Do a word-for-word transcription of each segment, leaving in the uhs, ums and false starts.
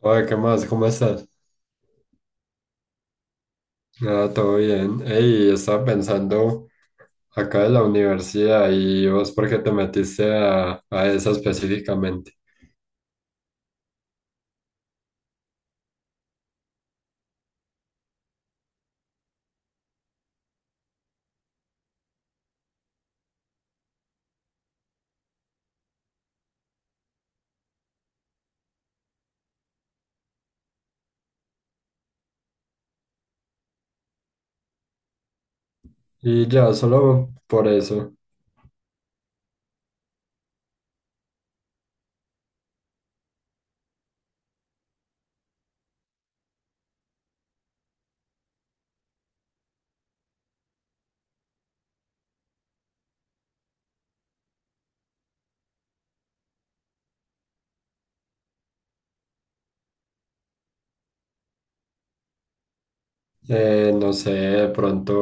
Oye, ¿qué más? ¿Cómo estás? Ah, todo bien. Ey, estaba pensando acá en la universidad y vos, ¿por qué te metiste a, a esa específicamente? Y ya, solo por eso. Eh, no sé, de pronto,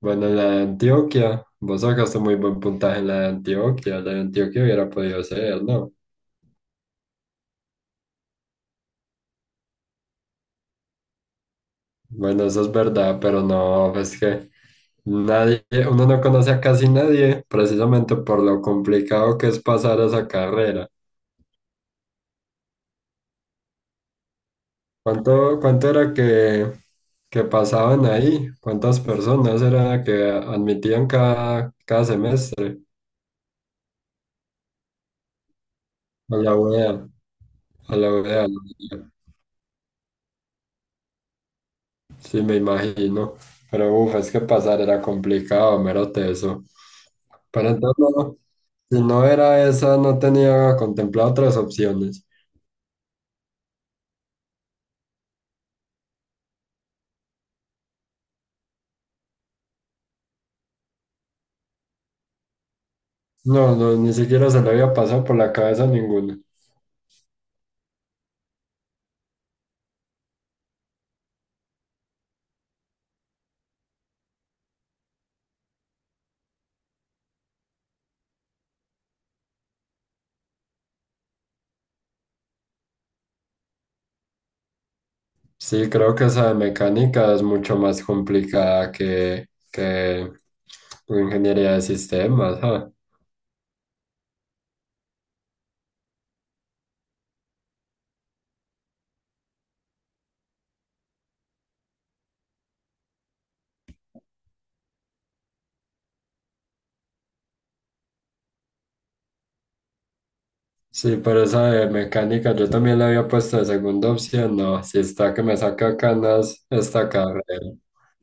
bueno, en la de Antioquia, vos sacaste muy buen puntaje en la de Antioquia, la de Antioquia hubiera podido ser, ¿no? Bueno, eso es verdad, pero no, es que nadie, uno no conoce a casi nadie, precisamente por lo complicado que es pasar esa carrera. ¿Cuánto, cuánto era que, que pasaban ahí? ¿Cuántas personas era que admitían cada, cada semestre? A la U E A, a a la U E A. Sí, me imagino. Pero uf, es que pasar era complicado, mero teso. Pero entonces, no, si no era esa, no tenía contemplado otras opciones. No, no, ni siquiera se le había pasado por la cabeza ninguna. Sí, creo que esa de mecánica es mucho más complicada que, que ingeniería de sistemas. ah. Sí, pero esa de mecánica yo también la había puesto de segunda opción. No, si está que me saca canas esta carrera.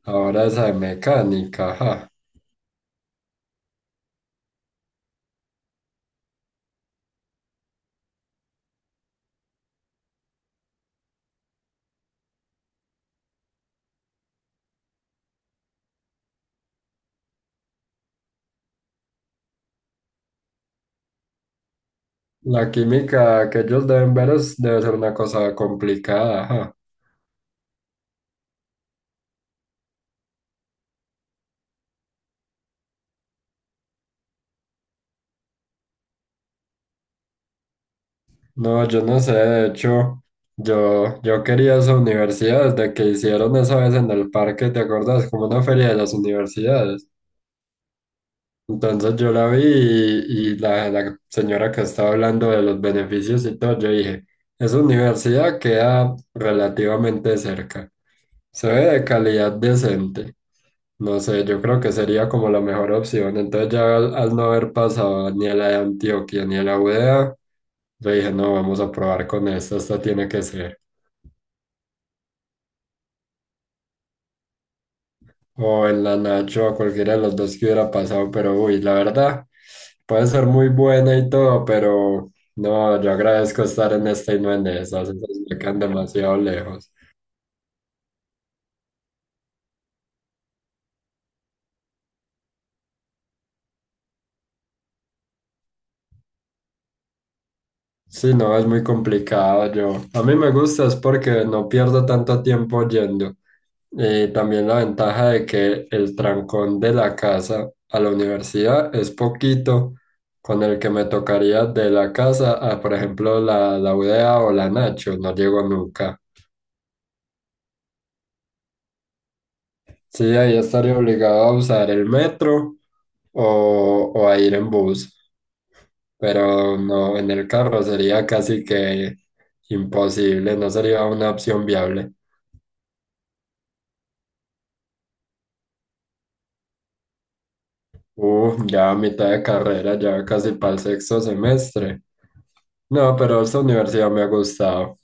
Ahora esa de mecánica. Ajá. La química que ellos deben ver es, debe ser una cosa complicada, ajá. No, yo no sé, de hecho, yo, yo quería esa universidad desde que hicieron esa vez en el parque, ¿te acuerdas? Como una feria de las universidades. Entonces yo la vi y, y la, la señora que estaba hablando de los beneficios y todo, yo dije, esa universidad queda relativamente cerca, se ve de calidad decente, no sé, yo creo que sería como la mejor opción. Entonces ya al, al no haber pasado ni a la de Antioquia ni a la UdeA, yo dije, no, vamos a probar con esta, esta tiene que ser. O en la Nacho, a cualquiera de los dos que hubiera pasado, pero uy, la verdad, puede ser muy buena y todo, pero no, yo agradezco estar en esta y no en esas; esas me quedan demasiado lejos. Sí, no, es muy complicado yo. A mí me gusta es porque no pierdo tanto tiempo yendo. Y también la ventaja de que el trancón de la casa a la universidad es poquito con el que me tocaría de la casa a, por ejemplo, la, la U D A o la Nacho, no llego nunca. Sí, ahí estaría obligado a usar el metro o, o a ir en bus, pero no, en el carro sería casi que imposible, no sería una opción viable. Uh, ya a mitad de carrera, ya casi para el sexto semestre. No, pero esta universidad me ha gustado.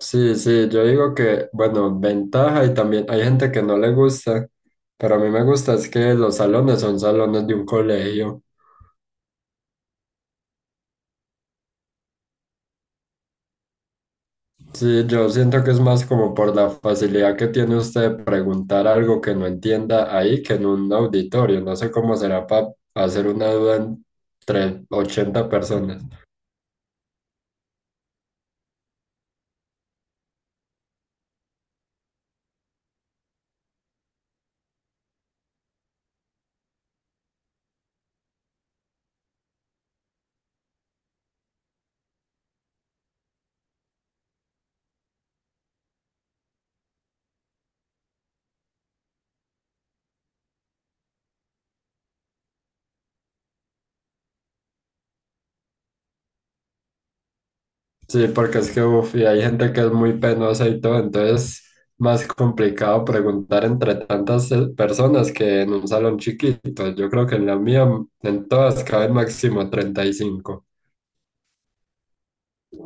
Sí, sí, yo digo que, bueno, ventaja y también hay gente que no le gusta, pero a mí me gusta es que los salones son salones de un colegio. Sí, yo siento que es más como por la facilidad que tiene usted de preguntar algo que no entienda ahí que en un auditorio. No sé cómo será para hacer una duda entre ochenta personas. Sí, porque es que uf, y hay gente que es muy penosa y todo, entonces más complicado preguntar entre tantas eh, personas que en un salón chiquito. Yo creo que en la mía, en todas, caben máximo treinta y cinco.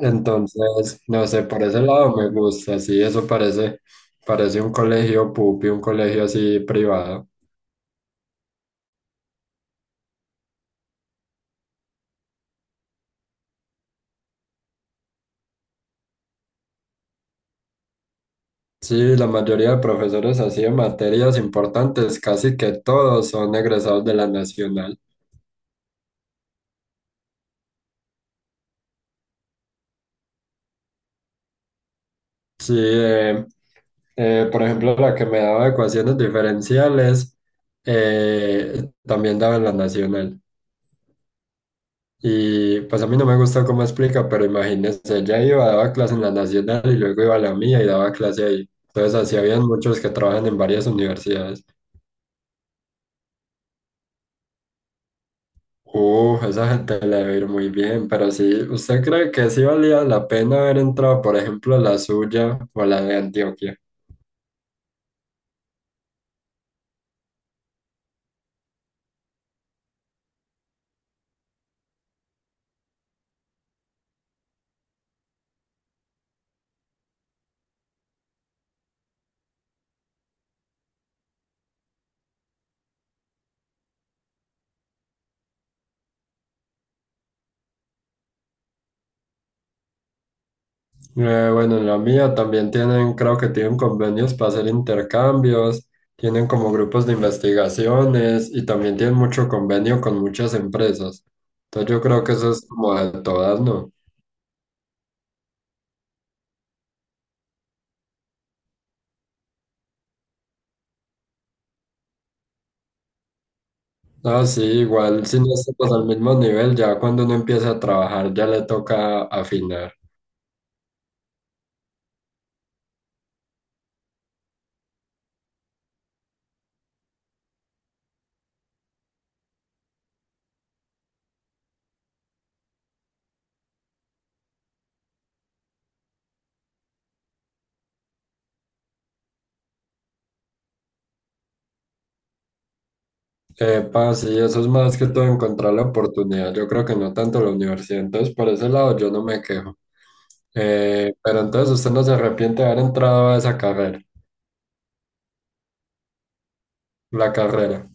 Entonces, no sé, por ese lado me gusta, sí, eso parece, parece un colegio pupi, un colegio así privado. Sí, la mayoría de profesores así en materias importantes, casi que todos son egresados de la nacional. Sí, eh, eh, por ejemplo, la que me daba ecuaciones diferenciales, eh, también daba en la nacional. Y pues a mí no me gustó cómo explica, pero imagínense, ella iba, daba clase en la nacional y luego iba a la mía y daba clase ahí. Entonces así habían muchos que trabajan en varias universidades. Uh, esa gente le debe ir muy bien, pero sí, ¿usted cree que sí valía la pena haber entrado, por ejemplo, a la suya o a la de Antioquia? Eh, bueno, en la mía también tienen, creo que tienen convenios para hacer intercambios, tienen como grupos de investigaciones y también tienen mucho convenio con muchas empresas. Entonces yo creo que eso es como de todas, ¿no? Ah, sí, igual si no estamos al mismo nivel, ya cuando uno empieza a trabajar ya le toca afinar. Epa, sí, eso es más que todo encontrar la oportunidad. Yo creo que no tanto la universidad, entonces por ese lado yo no me quejo. Eh, pero entonces usted no se arrepiente de haber entrado a esa carrera, la carrera.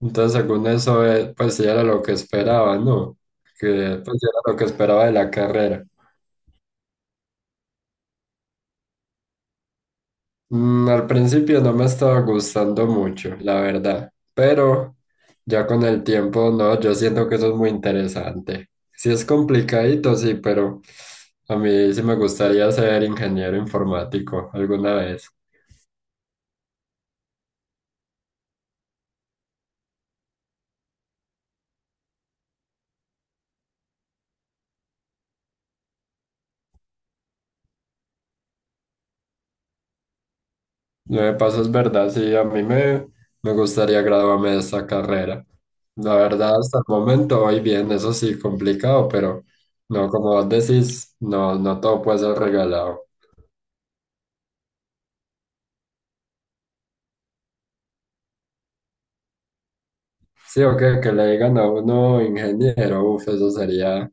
Entonces, según eso, eh, pues sí era lo que esperaba, ¿no? Que pues sí era lo que esperaba de la carrera. Mm, al principio no me estaba gustando mucho, la verdad, pero ya con el tiempo, no, yo siento que eso es muy interesante. Sí es complicadito, sí, pero a mí sí me gustaría ser ingeniero informático alguna vez. Lo que pasa es verdad, sí, a mí me, me gustaría graduarme de esta carrera. La verdad, hasta el momento voy bien, eso sí, complicado, pero no, como vos decís, no, no todo puede ser regalado. Sí, o que, que le digan a uno ingeniero, uff, eso sería,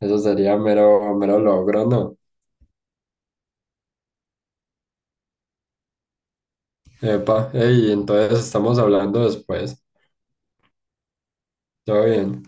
eso sería mero, mero logro, ¿no? Epa, ey, entonces estamos hablando después. Todo bien.